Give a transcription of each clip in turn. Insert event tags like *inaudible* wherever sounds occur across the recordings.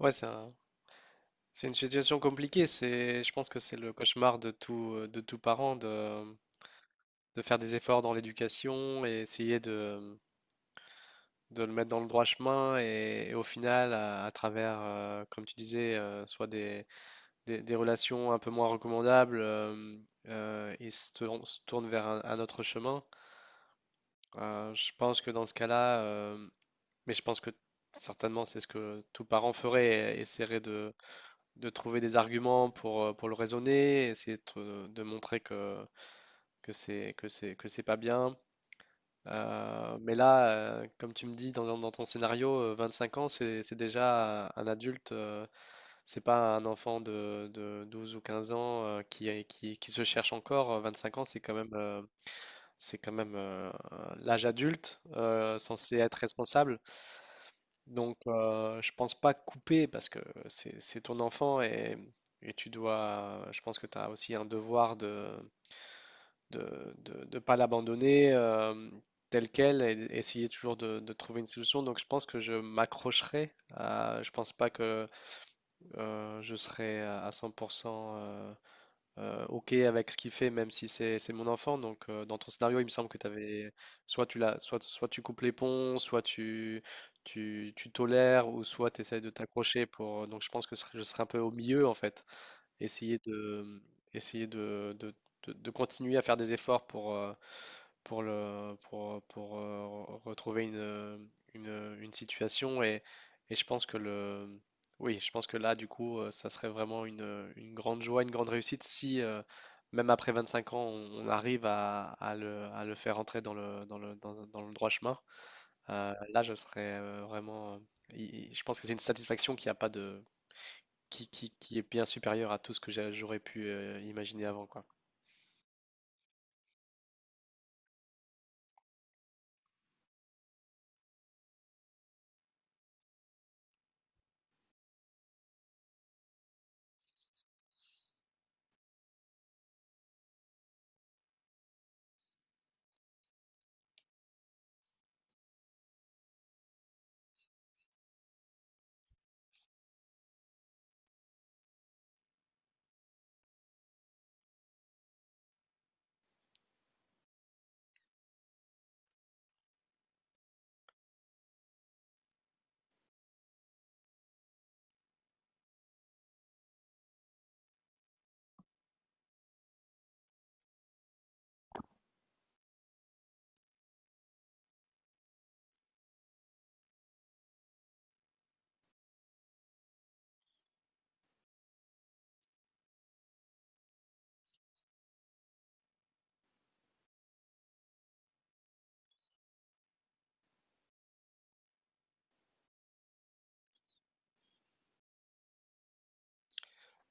Ouais, c'est une situation compliquée. C'est, je pense que c'est le cauchemar de tout parent de faire des efforts dans l'éducation et essayer de le mettre dans le droit chemin. Et au final, à travers, comme tu disais, soit des relations un peu moins recommandables, ils se tournent vers un autre chemin. Je pense que dans ce cas-là, mais je pense que certainement c'est ce que tout parent ferait, essaierait de trouver des arguments pour le raisonner, essayer de montrer que c'est pas bien. Mais là, comme tu me dis dans ton scénario, 5 ans, c'est déjà un adulte, c'est pas un enfant de 12 ou 15 ans , qui se cherche encore. Cinq ans, c'est quand même, l'âge adulte, censé être responsable. Donc, je pense pas couper parce que c'est ton enfant et tu dois, je pense que tu as aussi un devoir de pas l'abandonner, tel quel et essayer toujours de trouver une solution. Donc, je pense que je m'accrocherai à, je pense pas que je serai à 100% OK avec ce qu'il fait, même si c'est mon enfant. Donc, dans ton scénario, il me semble que tu avais soit tu l'as, soit tu coupes les ponts, tu tolères, ou soit tu essaies de t'accrocher pour. Donc, je pense que je serais un peu au milieu en fait. Essayer de, essayer de, de- de continuer à faire des efforts pour, le, pour, re- retrouver une situation. Et je pense que oui, je pense que là, du coup, ça serait vraiment une grande joie, une grande réussite si, même après 25 ans, on arrive à, à le faire entrer dans le droit chemin. Là, je serais, vraiment. Je pense que c'est une satisfaction qui a pas de, qui est bien supérieur à tout ce que j'aurais pu imaginer avant, quoi.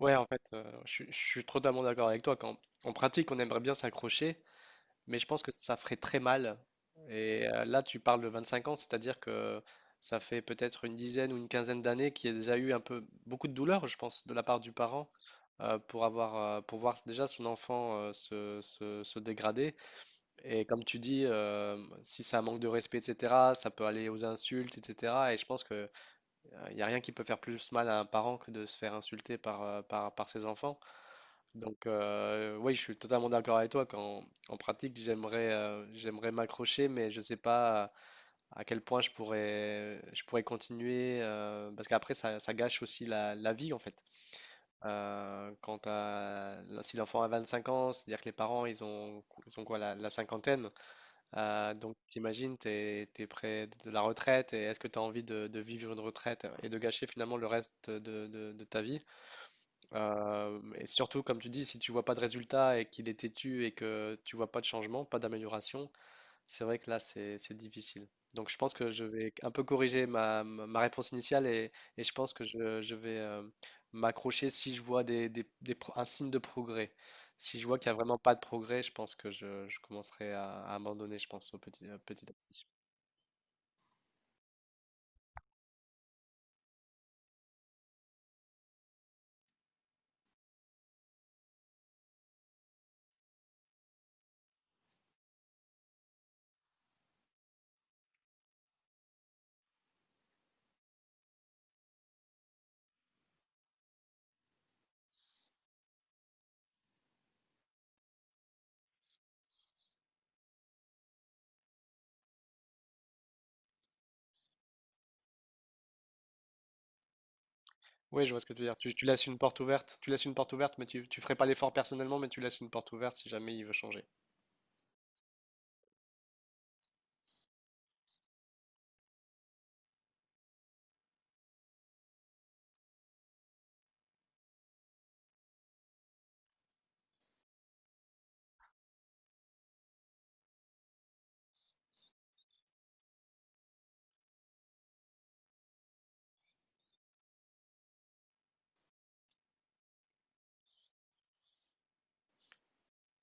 Ouais, en fait, je suis totalement d'accord avec toi. Quand, en pratique, on aimerait bien s'accrocher, mais je pense que ça ferait très mal. Et, là, tu parles de 25 ans, c'est-à-dire que ça fait peut-être une dizaine ou une quinzaine d'années qu'il y a déjà eu un peu beaucoup de douleur, je pense, de la part du parent, pour voir déjà son enfant, se dégrader. Et comme tu dis, si c'est un manque de respect, etc., ça peut aller aux insultes, etc. Et je pense que il n'y a rien qui peut faire plus mal à un parent que de se faire insulter par ses enfants. Donc, oui, je suis totalement d'accord avec toi. Quand, en pratique, j'aimerais m'accrocher, mais je ne sais pas, à quel point je pourrais continuer. Parce qu'après, ça gâche aussi la vie, en fait. Euh, quand t'as- Si l'enfant a 25 ans, c'est-à-dire que les parents, ils ont quoi, la cinquantaine. Donc, t'imagines, t'es près de la retraite et est-ce que tu as envie de vivre une retraite et de gâcher finalement le reste de ta vie? Et surtout, comme tu dis, si tu vois pas de résultat et qu'il est têtu et que tu vois pas de changement, pas d'amélioration, c'est vrai que là, c'est difficile. Donc, je pense que je vais un peu corriger ma réponse initiale et je pense que je vais, m'accrocher si je vois un signe de progrès. Si je vois qu'il n'y a vraiment pas de progrès, je pense que je commencerai à abandonner, je pense, petit à petit. Oui, je vois ce que tu veux dire. Tu laisses une porte ouverte, tu laisses une porte ouverte, mais tu ferais pas l'effort personnellement, mais tu laisses une porte ouverte si jamais il veut changer.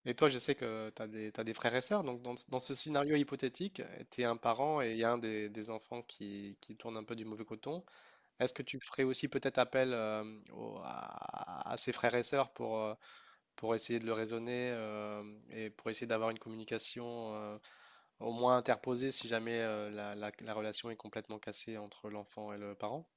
Et toi, je sais que t'as des frères et sœurs, donc dans ce scénario hypothétique, tu es un parent et il y a un des enfants qui tourne un peu du mauvais coton. Est-ce que tu ferais aussi peut-être appel, à ses frères et sœurs pour essayer de le raisonner, et pour essayer d'avoir une communication, au moins interposée si jamais, la relation est complètement cassée entre l'enfant et le parent?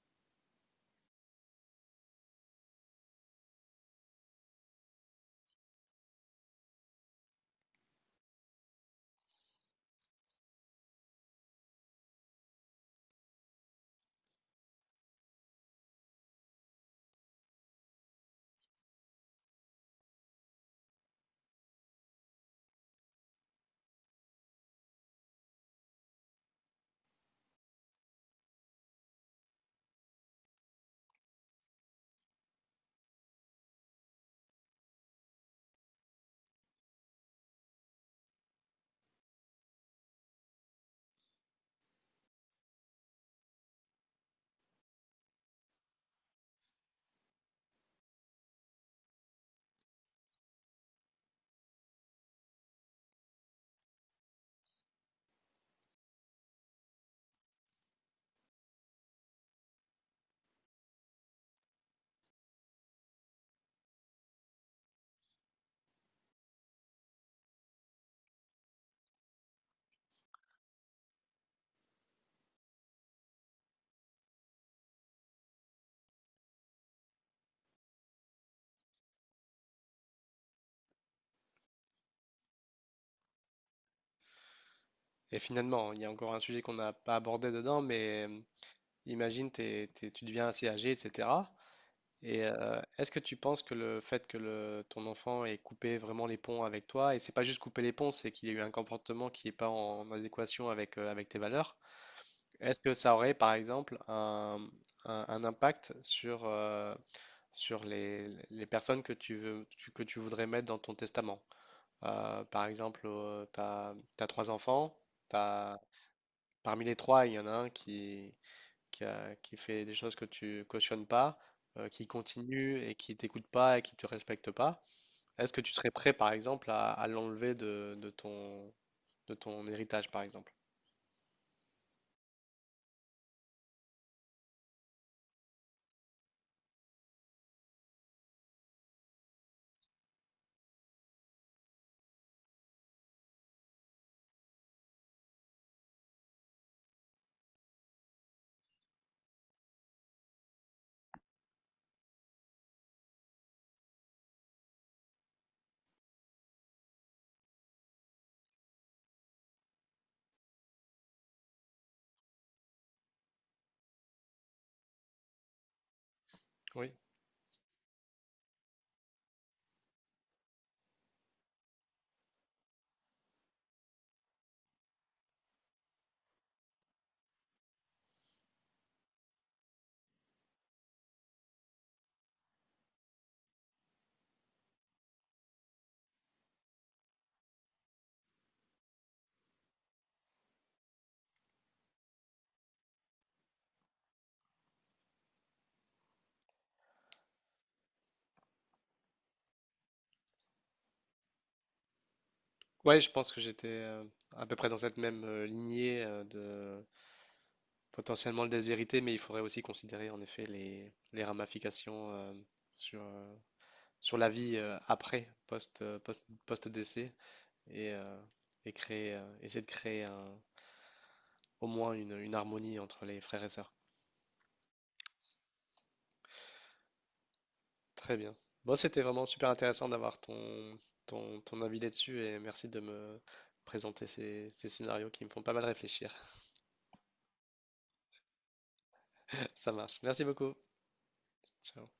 Et finalement, il y a encore un sujet qu'on n'a pas abordé dedans, mais, imagine, tu deviens assez âgé, etc. Et, est-ce que tu penses que le fait que ton enfant ait coupé vraiment les ponts avec toi, et c'est pas juste couper les ponts, c'est qu'il y a eu un comportement qui n'est pas en adéquation avec, avec tes valeurs, est-ce que ça aurait par exemple un impact sur, sur les personnes que que tu voudrais mettre dans ton testament? Par exemple, tu as, trois enfants, t'as- parmi les trois, il y en a un qui fait des choses que tu cautionnes pas, qui continue et qui t'écoute pas et qui te respecte pas, est-ce que tu serais prêt, par exemple, à l'enlever de ton héritage, par exemple? Oui. Ouais, je pense que j'étais, à peu près dans cette même, lignée, de potentiellement le déshériter, mais il faudrait aussi considérer en effet les ramifications, sur, sur la vie, après, post-décès, et, euh, et créer, essayer de créer un, au moins une harmonie entre les frères et sœurs. Très bien. Bon, c'était vraiment super intéressant d'avoir ton avis là-dessus et merci de me présenter ces scénarios qui me font pas mal réfléchir. *laughs* Ça marche. Merci beaucoup. Ciao.